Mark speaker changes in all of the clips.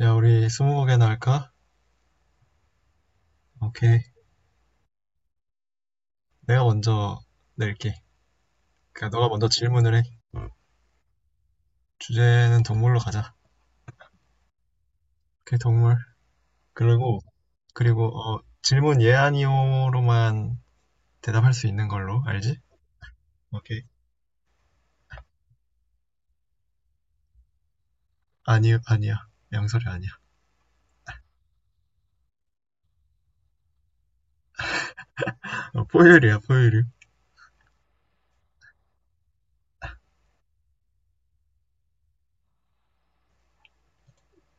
Speaker 1: 야, 우리 스무고개나 할까? 오케이. 내가 먼저 낼게. 그러니까 너가 먼저 질문을 해. 주제는 동물로 가자. 오케이, 동물. 그리고 질문 예 아니오로만 대답할 수 있는 걸로 알지? 오케이. 아니, 아니야. 양설이 아니야. 어, 포유류야, 포유류.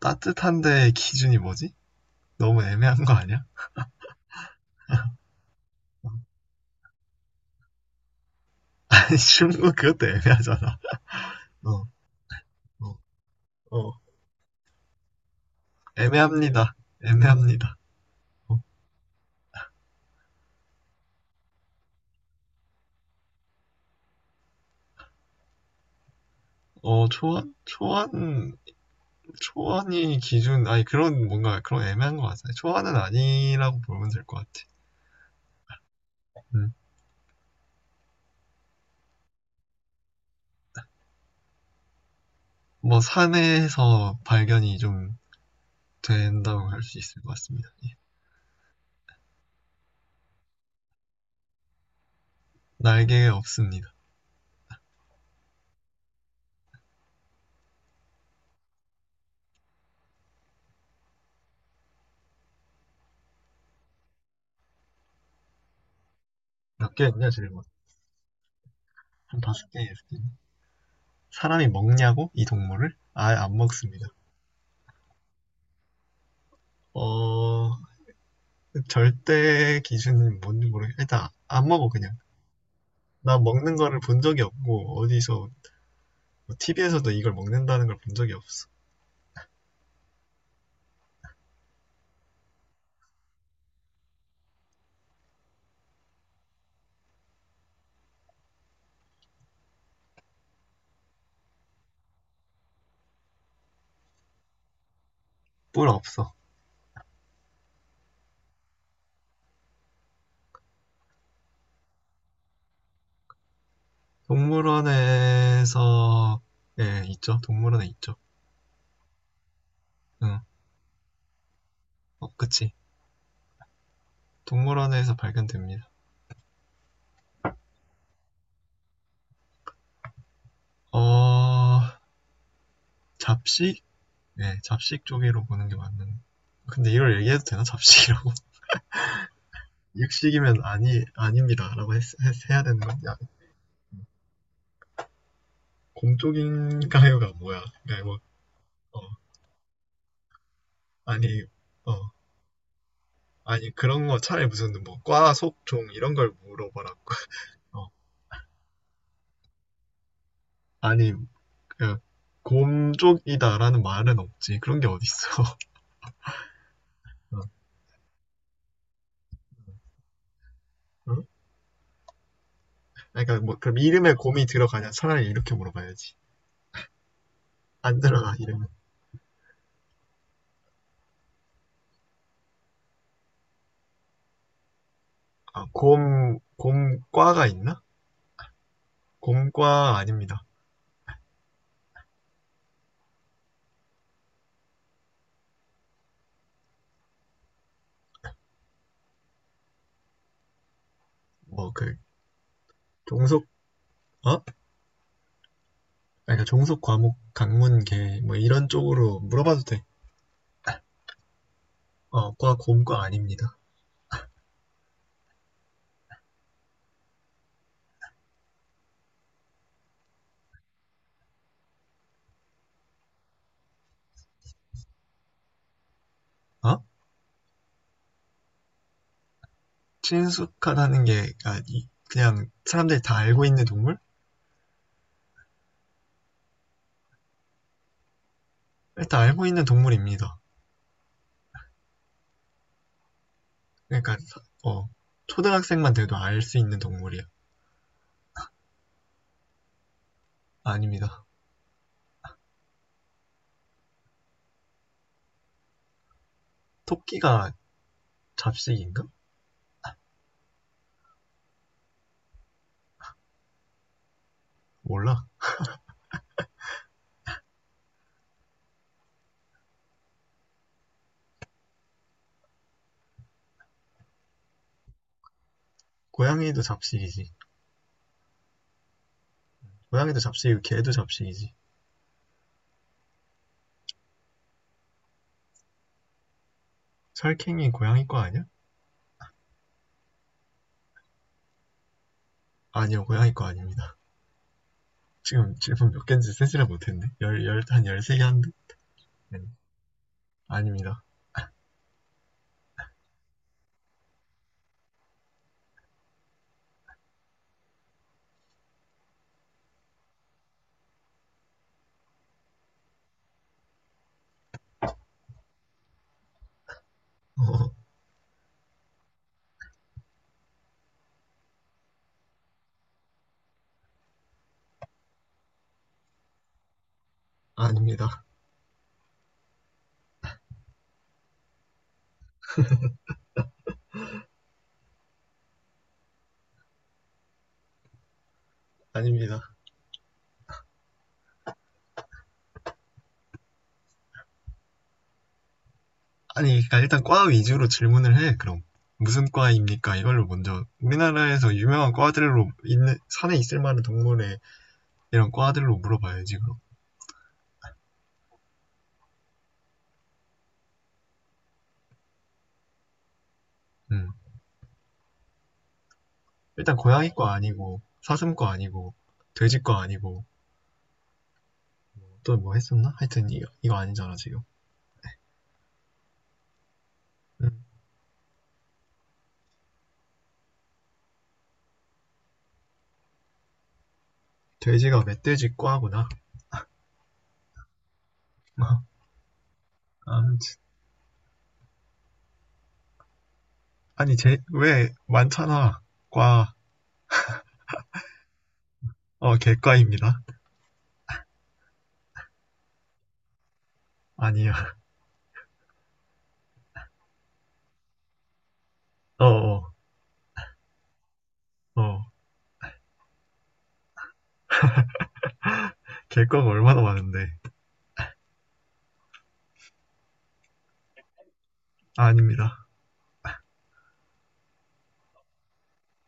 Speaker 1: 따뜻한데 기준이 뭐지? 너무 애매한 거 아니야? 아니, 쉬운 거 그것도 애매하잖아. 어, 어, 어. 애매합니다. 애매합니다. 어, 어, 초안? 초안 초안이 기준, 아니, 그런, 뭔가, 그런 애매한 것 같아요. 초안은 아니라고 보면 될 것 같아. 음. 뭐, 산에서 발견이 좀 된다고 할 수 있을 것 같습니다. 예. 날개 없습니다. 몇 개였냐, 질문? 한 다섯 개어요. 사람이 먹냐고? 이 동물을? 아예 안 먹습니다. 어, 절대 기준은 뭔지 모르겠, 일단, 안 먹어, 그냥. 나 먹는 거를 본 적이 없고, 어디서, TV에서도 이걸 먹는다는 걸 본 적이 없어. 뿔 없어. 동물원에서 예, 있죠. 동물원에 있죠. 응. 어, 그치. 동물원에서 발견됩니다. 어, 잡식? 네, 잡식 쪽으로 보는 게 맞는. 근데 이걸 얘기해도 되나? 잡식이라고? 육식이면 아니, 아닙니다 라고 해야 되는 거냐? 곰 쪽인가요가 뭐야? 그러니까 뭐, 어, 아니, 어, 아니, 그런 거 차라리 무슨 뭐, 과, 속, 종, 이런 걸 물어보라고. 어, 아니, 그, 곰 쪽이다라는 말은 없지. 그런 게 어딨어. 어, 어? 그러니까 뭐 그럼 이름에 곰이 들어가냐? 차라리 이렇게 물어봐야지. 안 들어가 이름에. 아, 곰 곰과가 있나? 곰과 아닙니다. 뭐 그 종속. 어? 그러니까 종속 과목 강문계 뭐 이런 쪽으로 물어봐도 돼. 어, 과 곰과 아닙니다. 어? 친숙하다는 게 아, 그냥 사람들이 다 알고 있는 동물? 일단 알고 있는 동물입니다. 그러니까 어, 초등학생만 돼도 알 수 있는 동물이야. 아닙니다. 토끼가 잡식인가? 몰라. 고양이도 잡식이지. 고양이도 잡식이고 개도 잡식이지. 설캥이 고양이 거 아니야? 아니요, 고양이 거 아닙니다. 지금 질문 몇 개인지 세지를 못했네. 한 13개 한데? 네. 아닙니다. 어, 아닙니다. 아닙니다. 아니, 그러니까 일단 과 위주로 질문을 해, 그럼. 무슨 과입니까? 이걸로 먼저 우리나라에서 유명한 과들로 있는 산에 있을 만한 동물의 이런 과들로 물어봐야지 그럼. 음. 일단 고양이과 아니고 사슴과 아니고 돼지과 아니고 또 뭐 했었나? 하여튼 이거 아니잖아 지금. 음, 돼지가 멧돼지 과구나. 아무튼 아니 왜 많잖아 과. 어, 개과입니다. 아니야. 어어어. 어, 어. 개과가 얼마나 많은데. 아, 아닙니다.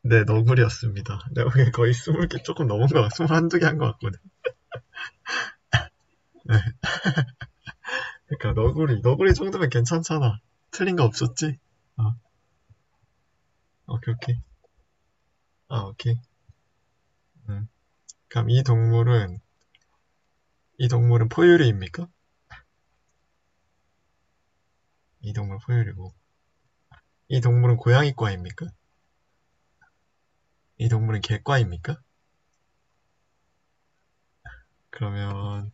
Speaker 1: 네, 너구리였습니다. 내가 보기엔 거의 스물 개 조금 넘은 거, 한두 개 한 거 같거든. 그러니까 너구리, 너구리 정도면 괜찮잖아. 틀린 거 없었지? 아, 오케이, 오케이. 아, 오케이. 음. 그럼 이 동물은 포유류입니까? 이 동물 포유류고. 이 동물은 고양이과입니까? 이 동물은 개과입니까? 그러면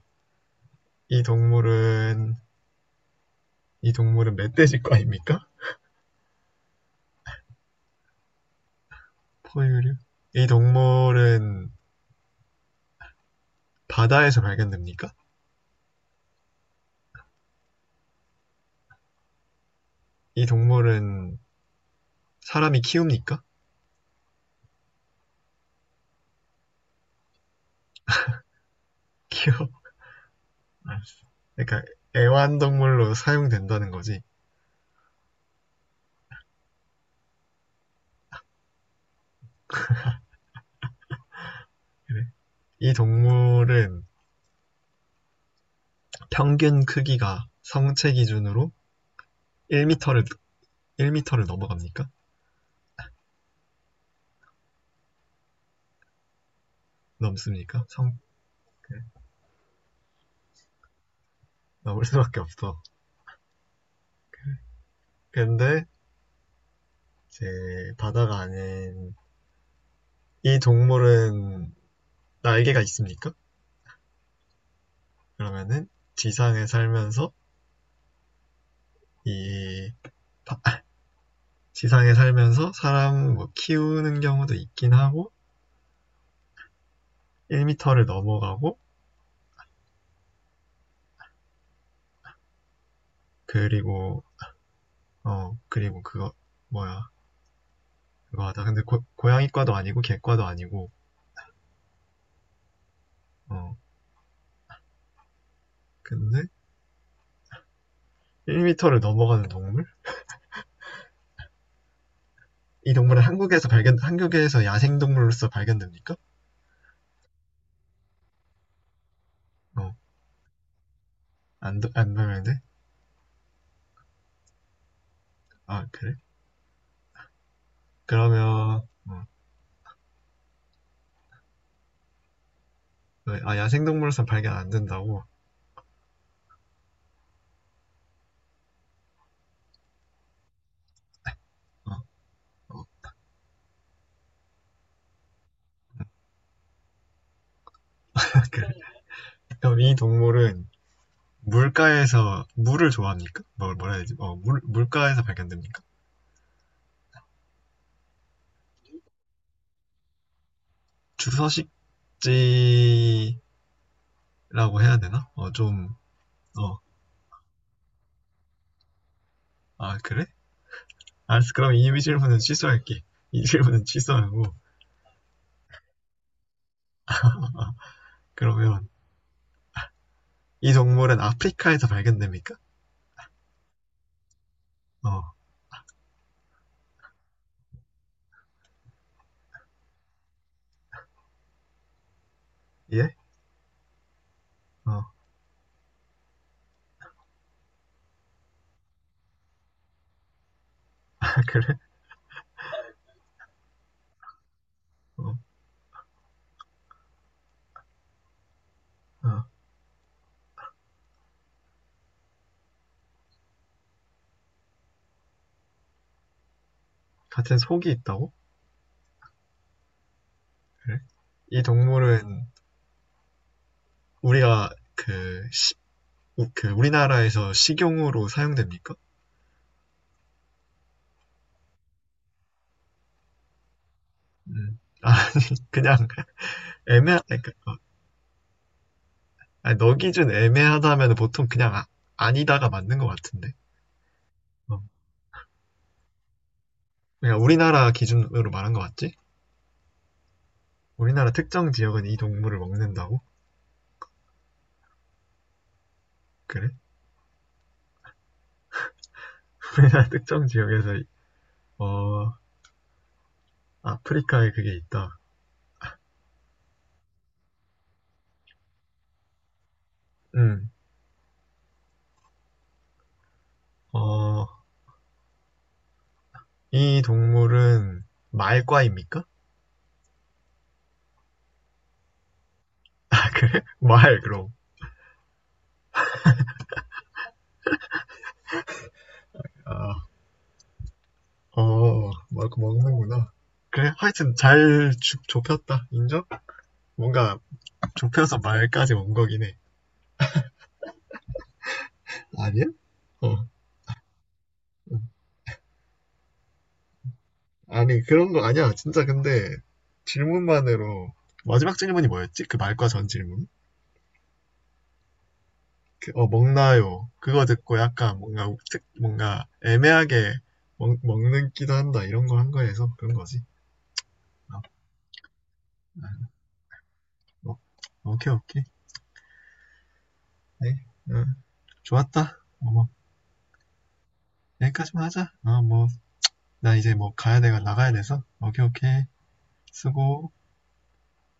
Speaker 1: 이 동물은 이 동물은 멧돼지과입니까? 포유류? 이 동물은 바다에서 발견됩니까? 이 동물은 사람이 키웁니까? 키워. 알았어. 그러니까 애완동물로 사용된다는 거지. 그래. 이 동물은 평균 크기가 성체 기준으로 1m를 1터를 넘어갑니까? 넘습니까? 성 넘을 수밖에 없어. 근데 이제 바다가 아닌 이 동물은 날개가 있습니까? 그러면은 지상에 살면서 이 바- 아, 사람 뭐 키우는 경우도 있긴 하고 1m를 넘어가고 그리고 그리고 그거 뭐야. 그거 하다 근데 고양이과도 아니고 개과도 아니고. 어, 근데 1m를 넘어가는 동물? 이 동물은 한국에서 야생 동물로서 발견됩니까? 어안안. 발견돼? 아 그래? 그러면 야생동물로서 발견 안 된다고? 어, 어. 그래. 그럼 이 동물은 물가에서 물을 좋아합니까? 뭘 뭐라 해야 되지? 어, 물 물가에서 발견됩니까? 주서식지라고 해야 되나? 어, 좀. 어, 아 그래? 알았어. 그럼 이 질문은 취소할게. 이 질문은 취소하고. 어, 어. 그러면 이 동물은 아프리카에서 발견됩니까? 어, 예? 어, 그래? 어, 어. 같은 속이 있다고? 그래? 이 동물은 우리가 그, 시- 그 우리나라에서 식용으로 사용됩니까? 음. 아, 그냥 그러니까, 어, 아니, 너 기준 애매하다면 보통 그냥 아, 니다가 맞는 것 같은데. 어. 그냥 우리나라 기준으로 말한 것 같지? 우리나라 특정 지역은 이 동물을 먹는다고? 그래? 우리나라 특정 지역에서 어, 아프리카에 그게 있다. 음. 어, 이 동물은 말과입니까? 아, 그래? 말, 그럼. 아, 막 먹는구나. 그래, 하여튼 잘 좁혔다. 인정? 뭔가 좁혀서 말까지 온 거긴 해. 아니야? 어. 아니, 그런 거 아니야. 진짜 근데 질문만으로 마지막 질문이 뭐였지? 그 말과 전 질문? 먹나요? 그거 듣고 약간 뭔가 뭔가 애매하게 먹는 기도 한다. 이런 거 한 거에서 그런 거지. 어, 어. 오케이, 오케이. 네. 어, 좋았다. 뭐, 여기까지만 하자. 어, 뭐. 나 이제 뭐 가야 돼가 나가야 돼서 오케이, 오케이, 쓰고